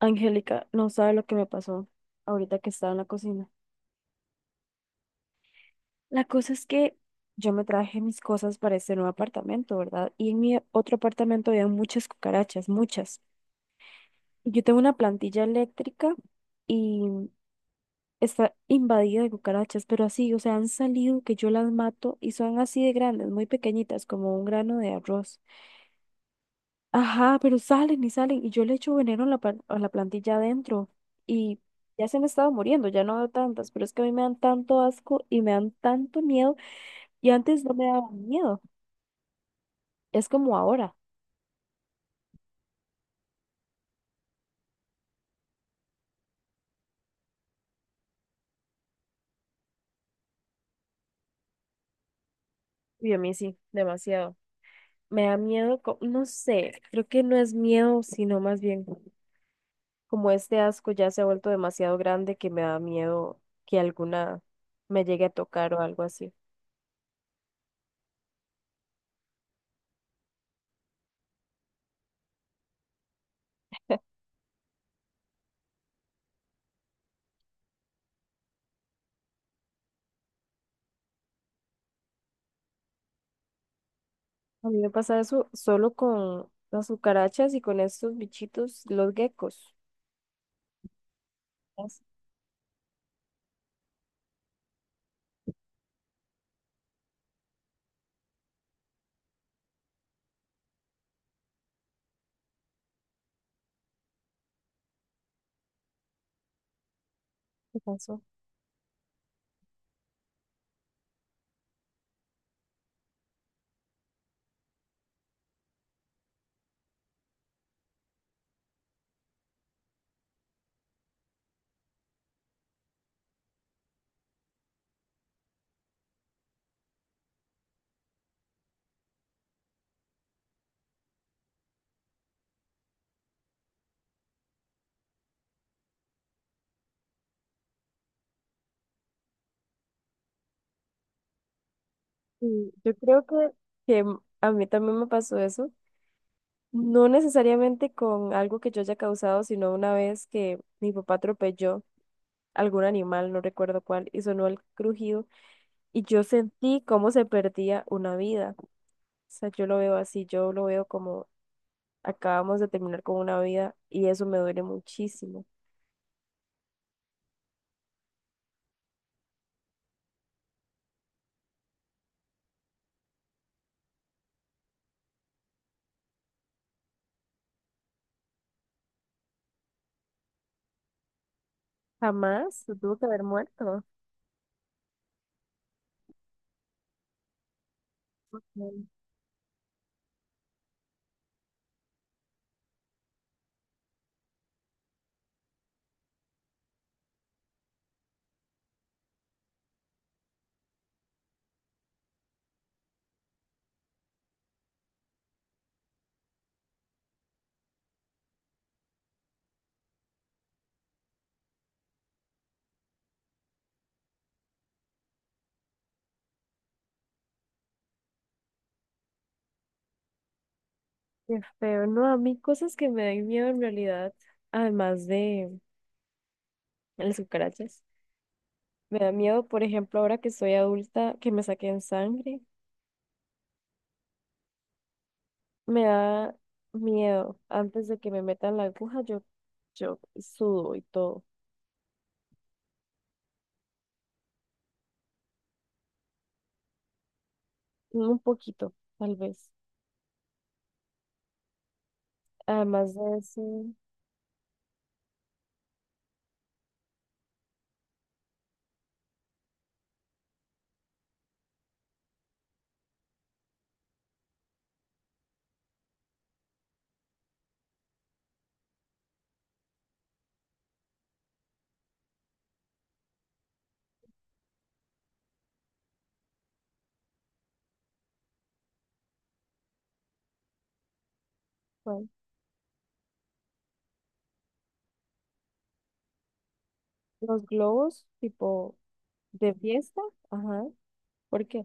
Angélica, no sabe lo que me pasó ahorita que estaba en la cocina. La cosa es que yo me traje mis cosas para este nuevo apartamento, ¿verdad? Y en mi otro apartamento había muchas cucarachas, muchas. Yo tengo una plantilla eléctrica y está invadida de cucarachas, pero así, o sea, han salido que yo las mato y son así de grandes, muy pequeñitas, como un grano de arroz. Ajá, pero salen y salen y yo le echo veneno a a la plantilla adentro y ya se me estaba muriendo, ya no veo tantas, pero es que a mí me dan tanto asco y me dan tanto miedo y antes no me daba miedo, es como ahora. Y a mí sí, demasiado. Me da miedo, no sé, creo que no es miedo, sino más bien como este asco ya se ha vuelto demasiado grande que me da miedo que alguna me llegue a tocar o algo así. A mí me pasa eso solo con las cucarachas y con estos bichitos, los geckos. Eso me pasó. Y yo creo que a mí también me pasó eso. No necesariamente con algo que yo haya causado, sino una vez que mi papá atropelló algún animal, no recuerdo cuál, y sonó el crujido, y yo sentí cómo se perdía una vida. O sea, yo lo veo así, yo lo veo como acabamos de terminar con una vida, y eso me duele muchísimo. Jamás se tuvo que haber muerto. Qué feo, no, a mí cosas que me dan miedo en realidad, además de las cucarachas, me da miedo, por ejemplo, ahora que soy adulta, que me saquen sangre, me da miedo, antes de que me metan la aguja, yo sudo y todo, un poquito, tal vez, además de eso, bueno, los globos, tipo, de fiesta, ajá, ¿por qué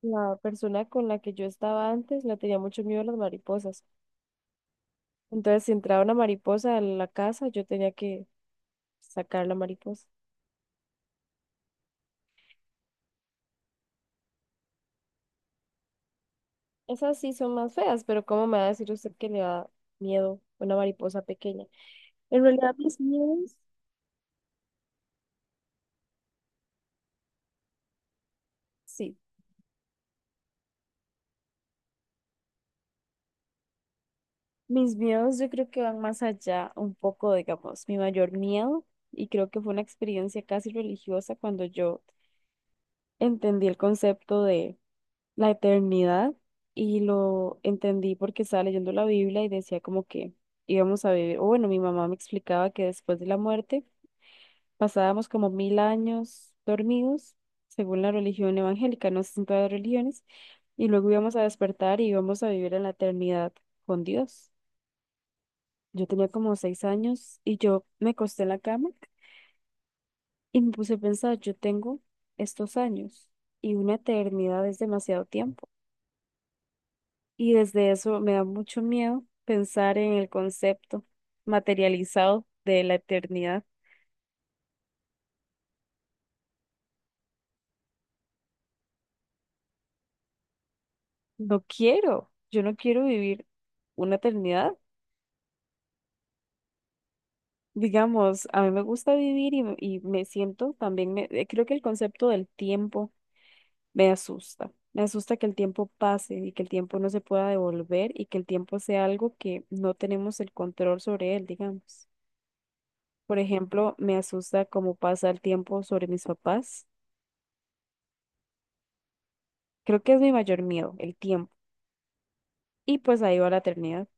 la persona con la que yo estaba antes le tenía mucho miedo a las mariposas? Entonces, si entraba una mariposa a la casa, yo tenía que sacar la mariposa. Esas sí son más feas, pero ¿cómo me va a decir usted que le da miedo una mariposa pequeña? En realidad, mis miedos, sí, mis miedos yo creo que van más allá un poco, digamos, mi mayor miedo, y creo que fue una experiencia casi religiosa cuando yo entendí el concepto de la eternidad y lo entendí porque estaba leyendo la Biblia y decía como que íbamos a vivir, o bueno, mi mamá me explicaba que después de la muerte pasábamos como 1000 años dormidos, según la religión evangélica, no sé si en todas las religiones, y luego íbamos a despertar y íbamos a vivir en la eternidad con Dios. Yo tenía como 6 años y yo me acosté en la cama y me puse a pensar, yo tengo estos años y una eternidad es demasiado tiempo. Y desde eso me da mucho miedo pensar en el concepto materializado de la eternidad. No quiero, yo no quiero vivir una eternidad. Digamos, a mí me gusta vivir y me siento también, creo que el concepto del tiempo me asusta. Me asusta que el tiempo pase y que el tiempo no se pueda devolver y que el tiempo sea algo que no tenemos el control sobre él, digamos. Por ejemplo, me asusta cómo pasa el tiempo sobre mis papás. Creo que es mi mayor miedo, el tiempo. Y pues ahí va la eternidad.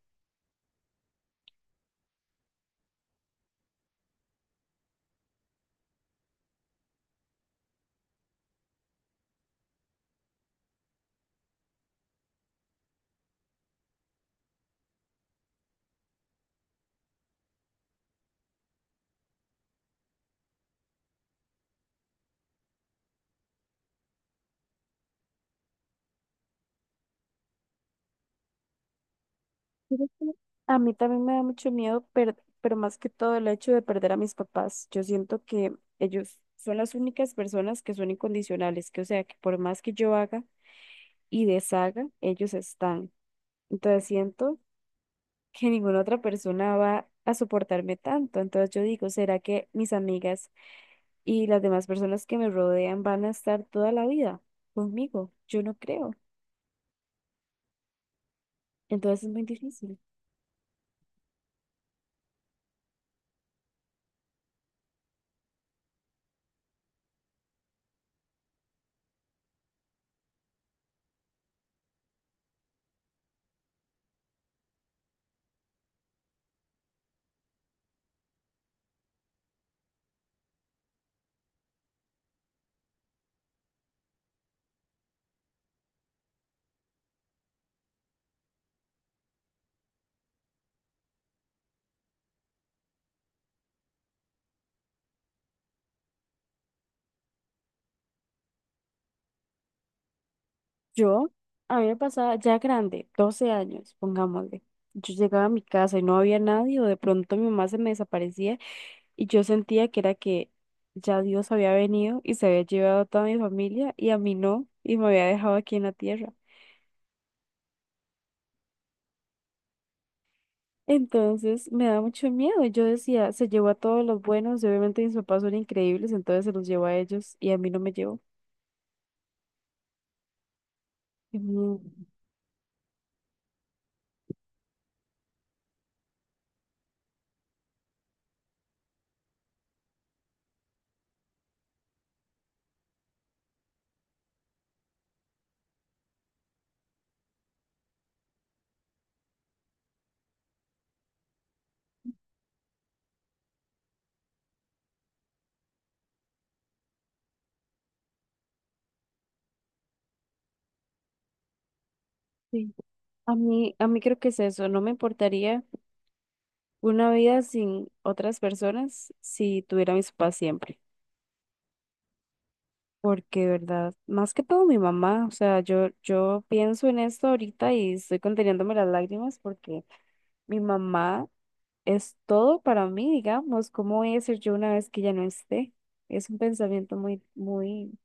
Fíjate, a mí también me da mucho miedo, pero más que todo el hecho de perder a mis papás. Yo siento que ellos son las únicas personas que son incondicionales, que o sea, que por más que yo haga y deshaga, ellos están. Entonces siento que ninguna otra persona va a soportarme tanto. Entonces yo digo, ¿será que mis amigas y las demás personas que me rodean van a estar toda la vida conmigo? Yo no creo. Entonces es muy difícil. Yo, a mí me pasaba ya grande, 12 años, pongámosle. Yo llegaba a mi casa y no había nadie, o de pronto mi mamá se me desaparecía y yo sentía que era que ya Dios había venido y se había llevado a toda mi familia y a mí no, y me había dejado aquí en la tierra. Entonces me da mucho miedo. Yo decía, se llevó a todos los buenos, y obviamente mis papás son increíbles, entonces se los llevó a ellos y a mí no me llevó. Y a mí- Sí. A mí creo que es eso, no me importaría una vida sin otras personas, si tuviera a mis papás siempre. Porque, de verdad, más que todo mi mamá, o sea, yo pienso en esto ahorita y estoy conteniéndome las lágrimas porque mi mamá es todo para mí, digamos, ¿cómo voy a ser yo una vez que ya no esté? Es un pensamiento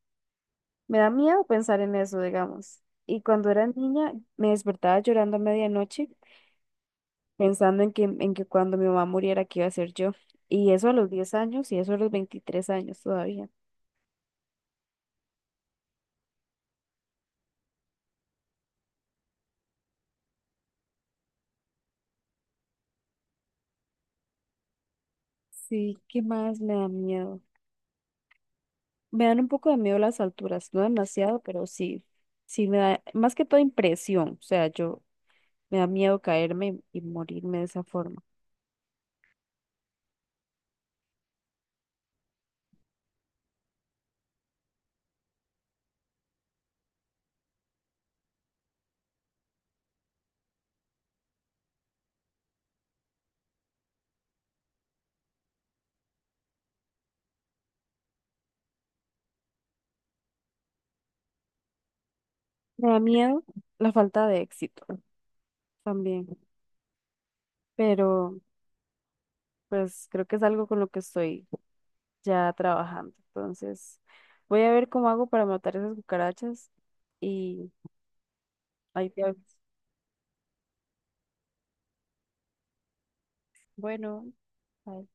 me da miedo pensar en eso, digamos. Y cuando era niña, me despertaba llorando a medianoche pensando en que cuando mi mamá muriera, ¿qué iba a ser yo? Y eso a los 10 años y eso a los 23 años todavía. Sí, ¿qué más me da miedo? Me dan un poco de miedo las alturas, no demasiado, pero sí, sí me da más que todo impresión, o sea, yo me da miedo caerme y morirme de esa forma. Me da miedo la falta de éxito también, pero pues creo que es algo con lo que estoy ya trabajando. Entonces, voy a ver cómo hago para matar esas cucarachas y ahí te aviso. Bueno, bye.